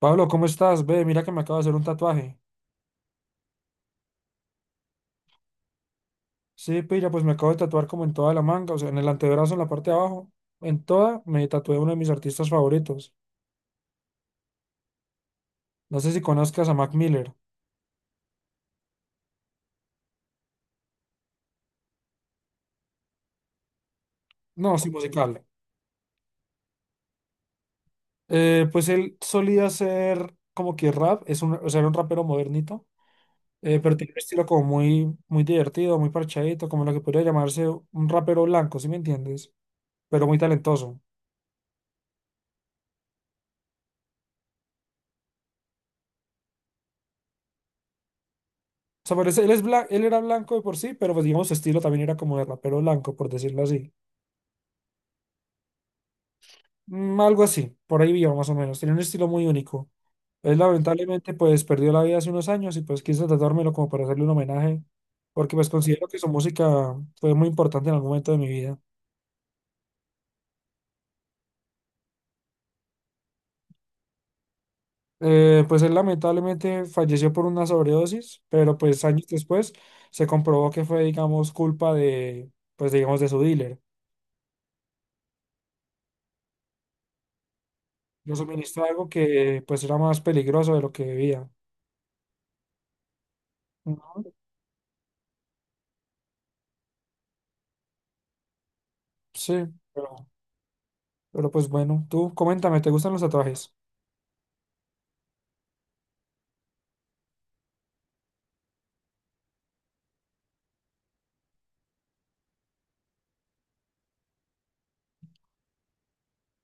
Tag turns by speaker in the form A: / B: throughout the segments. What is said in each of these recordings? A: Pablo, ¿cómo estás? Ve, mira que me acabo de hacer un tatuaje. Sí, pilla, pues me acabo de tatuar como en toda la manga, o sea, en el antebrazo, en la parte de abajo. En toda me tatué uno de mis artistas favoritos. No sé si conozcas a Mac Miller. No, sí, musical. Pues él solía hacer como que rap, es un, o sea, era un rapero modernito, pero tiene un estilo como muy, muy divertido, muy parchadito, como lo que podría llamarse un rapero blanco, ¿sí me entiendes? Pero muy talentoso. O sea, parece, él era blanco de por sí, pero pues digamos su estilo también era como de rapero blanco, por decirlo así. Mm, algo así, por ahí viva más o menos. Tenía un estilo muy único. Él lamentablemente pues perdió la vida hace unos años y pues quise tratármelo como para hacerle un homenaje, porque pues considero que su música fue muy importante en algún momento de mi vida. Pues él lamentablemente falleció por una sobredosis, pero pues años después se comprobó que fue, digamos, culpa de, pues digamos, de su dealer. Lo suministró algo que pues era más peligroso de lo que debía. Mm. Sí, pero, pero pues bueno, tú coméntame, ¿te gustan los tatuajes?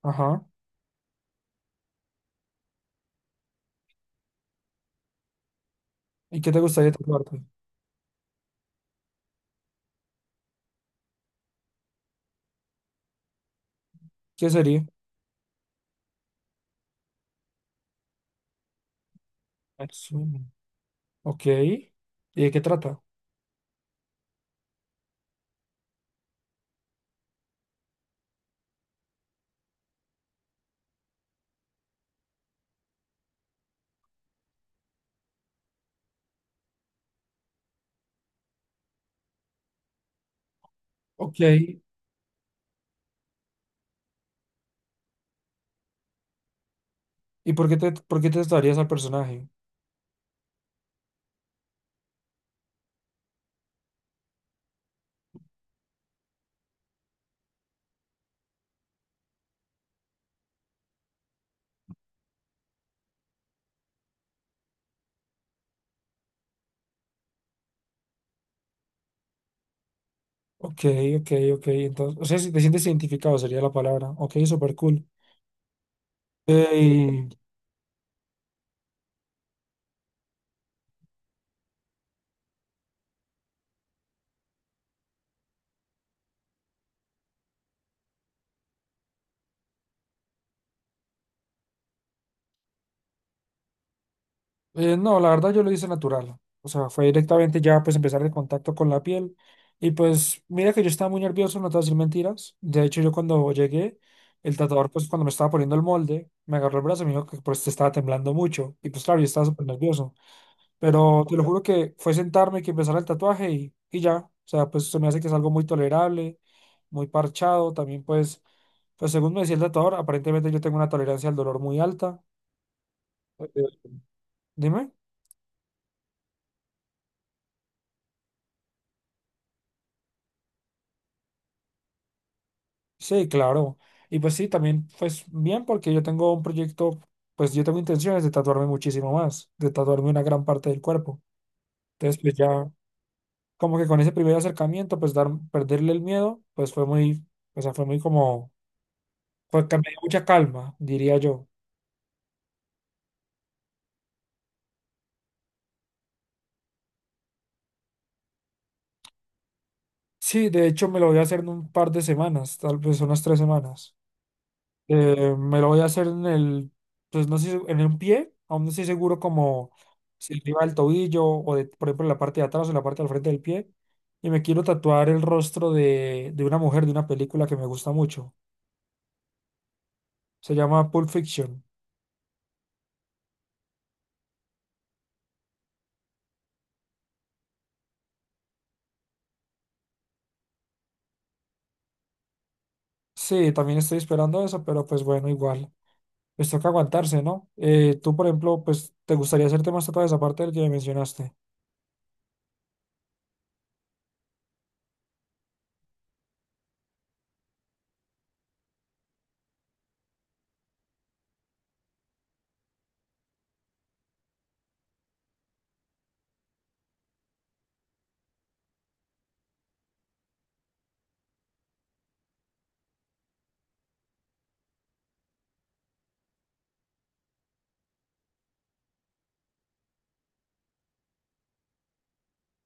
A: Ajá. ¿Y qué te gustaría tatuarte? ¿Qué sería? Atsumo. Ok. ¿Y de qué trata? Ok. ¿Y por qué te tatuarías al personaje? Ok, ok, ok. Entonces, o sea, si te sientes identificado sería la palabra. Ok, súper cool. Eh, no, la verdad yo lo hice natural. O sea, fue directamente ya pues empezar el contacto con la piel. Y pues mira que yo estaba muy nervioso, no te voy a decir mentiras. De hecho, yo cuando llegué, el tatuador pues cuando me estaba poniendo el molde, me agarró el brazo y me dijo que pues te estaba temblando mucho. Y pues claro, yo estaba súper nervioso. Pero te lo juro que fue sentarme que empezara el tatuaje y ya. O sea, pues se me hace que es algo muy tolerable, muy parchado. También, pues, pues según me decía el tatuador, aparentemente yo tengo una tolerancia al dolor muy alta. Ok. Dime. Sí, claro. Y pues sí, también, pues bien, porque yo tengo un proyecto, pues yo tengo intenciones de tatuarme muchísimo más, de tatuarme una gran parte del cuerpo. Entonces, pues ya, como que con ese primer acercamiento, pues dar, perderle el miedo, pues fue muy, o sea, fue muy como, fue, que me dio mucha calma, diría yo. Sí, de hecho me lo voy a hacer en un par de semanas, tal vez unas tres semanas. Me lo voy a hacer en el, pues no sé, en un pie, aún no estoy seguro como si arriba del tobillo o de, por ejemplo, en la parte de atrás o en la parte del frente del pie. Y me quiero tatuar el rostro de una mujer de una película que me gusta mucho. Se llama Pulp Fiction. Sí, también estoy esperando eso, pero pues bueno, igual. Pues toca aguantarse, ¿no? Tú, por ejemplo, pues te gustaría hacerte más tatuajes aparte del que me mencionaste.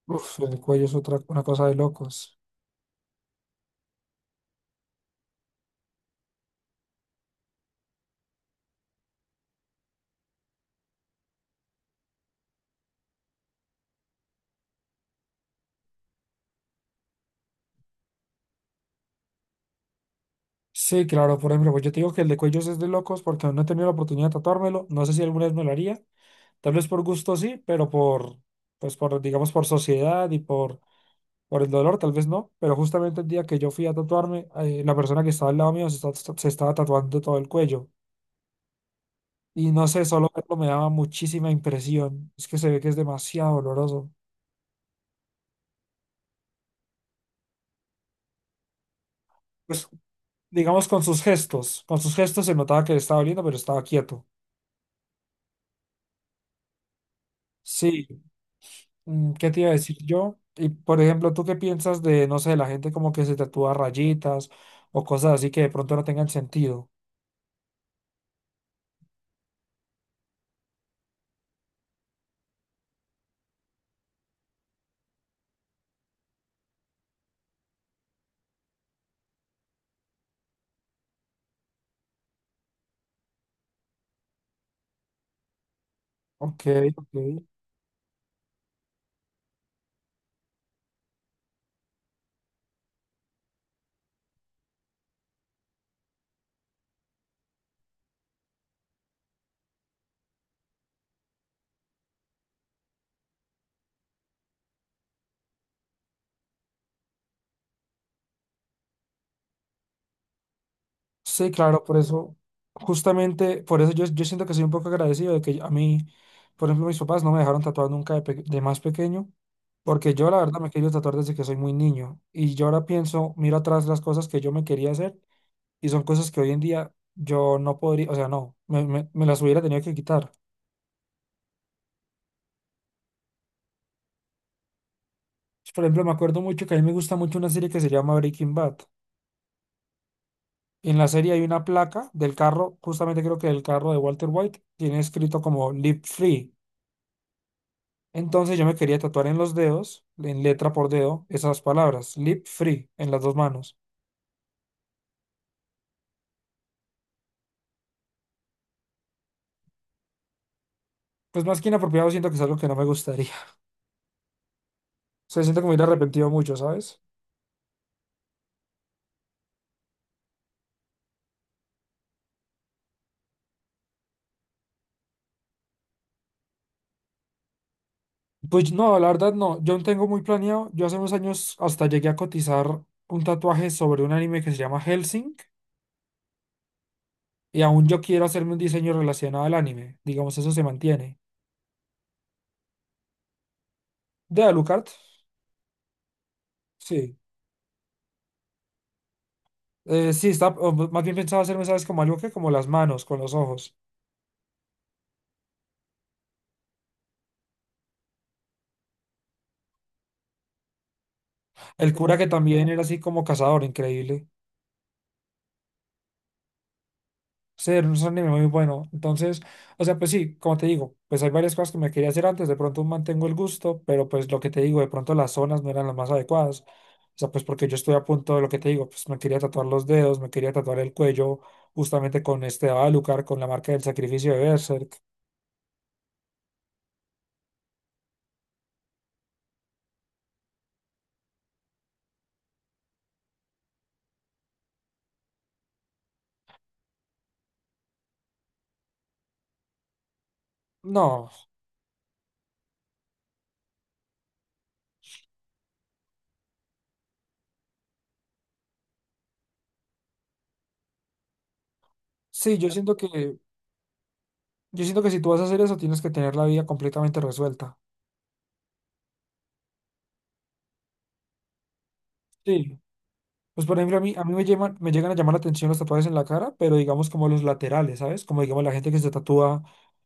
A: Uf, el cuello es otra, una cosa de locos. Sí, claro, por ejemplo, pues yo te digo que el de cuellos es de locos porque aún no he tenido la oportunidad de tatuármelo. No sé si alguna vez me lo haría. Tal vez por gusto sí, pero por, pues por, digamos, por sociedad y por el dolor, tal vez no. Pero justamente el día que yo fui a tatuarme, la persona que estaba al lado mío se estaba tatuando todo el cuello. Y no sé, solo verlo me daba muchísima impresión. Es que se ve que es demasiado doloroso. Pues, digamos, con sus gestos. Con sus gestos se notaba que le estaba doliendo, pero estaba quieto. Sí. Mm, ¿qué te iba a decir yo? Y por ejemplo, ¿tú qué piensas de, no sé, la gente como que se tatúa rayitas o cosas así que de pronto no tengan sentido? Ok, ok. Sí, claro, por eso, justamente, por eso yo siento que soy un poco agradecido de que a mí, por ejemplo, mis papás no me dejaron tatuar nunca de más pequeño, porque yo la verdad me he querido tatuar desde que soy muy niño. Y yo ahora pienso, miro atrás las cosas que yo me quería hacer y son cosas que hoy en día yo no podría, o sea, no, me las hubiera tenido que quitar. Por ejemplo, me acuerdo mucho que a mí me gusta mucho una serie que se llama Breaking Bad. En la serie hay una placa del carro, justamente creo que del carro de Walter White, tiene escrito como Live Free. Entonces yo me quería tatuar en los dedos, en letra por dedo, esas palabras, lip free, en las dos manos. Pues más que inapropiado, siento que es algo que no me gustaría. O sea, siento que me hubiera arrepentido mucho, ¿sabes? Pues no, la verdad no. Yo no tengo muy planeado. Yo hace unos años hasta llegué a cotizar un tatuaje sobre un anime que se llama Hellsing. Y aún yo quiero hacerme un diseño relacionado al anime. Digamos, eso se mantiene. ¿De Alucard? Sí. Sí, está, o más bien pensaba hacerme, ¿sabes? Como algo que como las manos, con los ojos. El cura que también era así como cazador, increíble. Sí, era un anime muy bueno. Entonces, o sea, pues sí, como te digo, pues hay varias cosas que me quería hacer antes. De pronto mantengo el gusto, pero pues lo que te digo, de pronto las zonas no eran las más adecuadas. O sea, pues porque yo estoy a punto de lo que te digo, pues me quería tatuar los dedos, me quería tatuar el cuello, justamente con este Alucard, con la marca del sacrificio de Berserk. No, sí, yo siento que si tú vas a hacer eso, tienes que tener la vida completamente resuelta. Sí. Pues por ejemplo, a mí me llegan a llamar la atención los tatuajes en la cara, pero digamos como los laterales, ¿sabes? Como digamos la gente que se tatúa,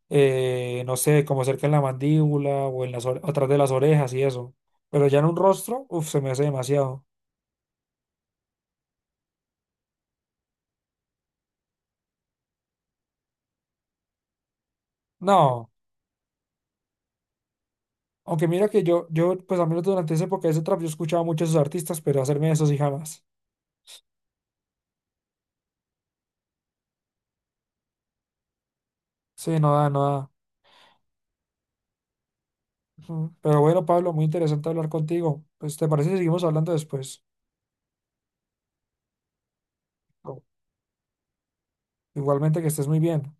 A: no sé, como cerca en la mandíbula o en atrás de las orejas y eso. Pero ya en un rostro, uff, se me hace demasiado. No, aunque mira que pues al menos durante esa época de ese trap, yo escuchaba mucho a esos artistas, pero hacerme eso sí jamás. Sí, no da, no da. Ujú. Pero bueno, Pablo, muy interesante hablar contigo. Pues, ¿te parece si seguimos hablando después? No. Igualmente que estés muy bien.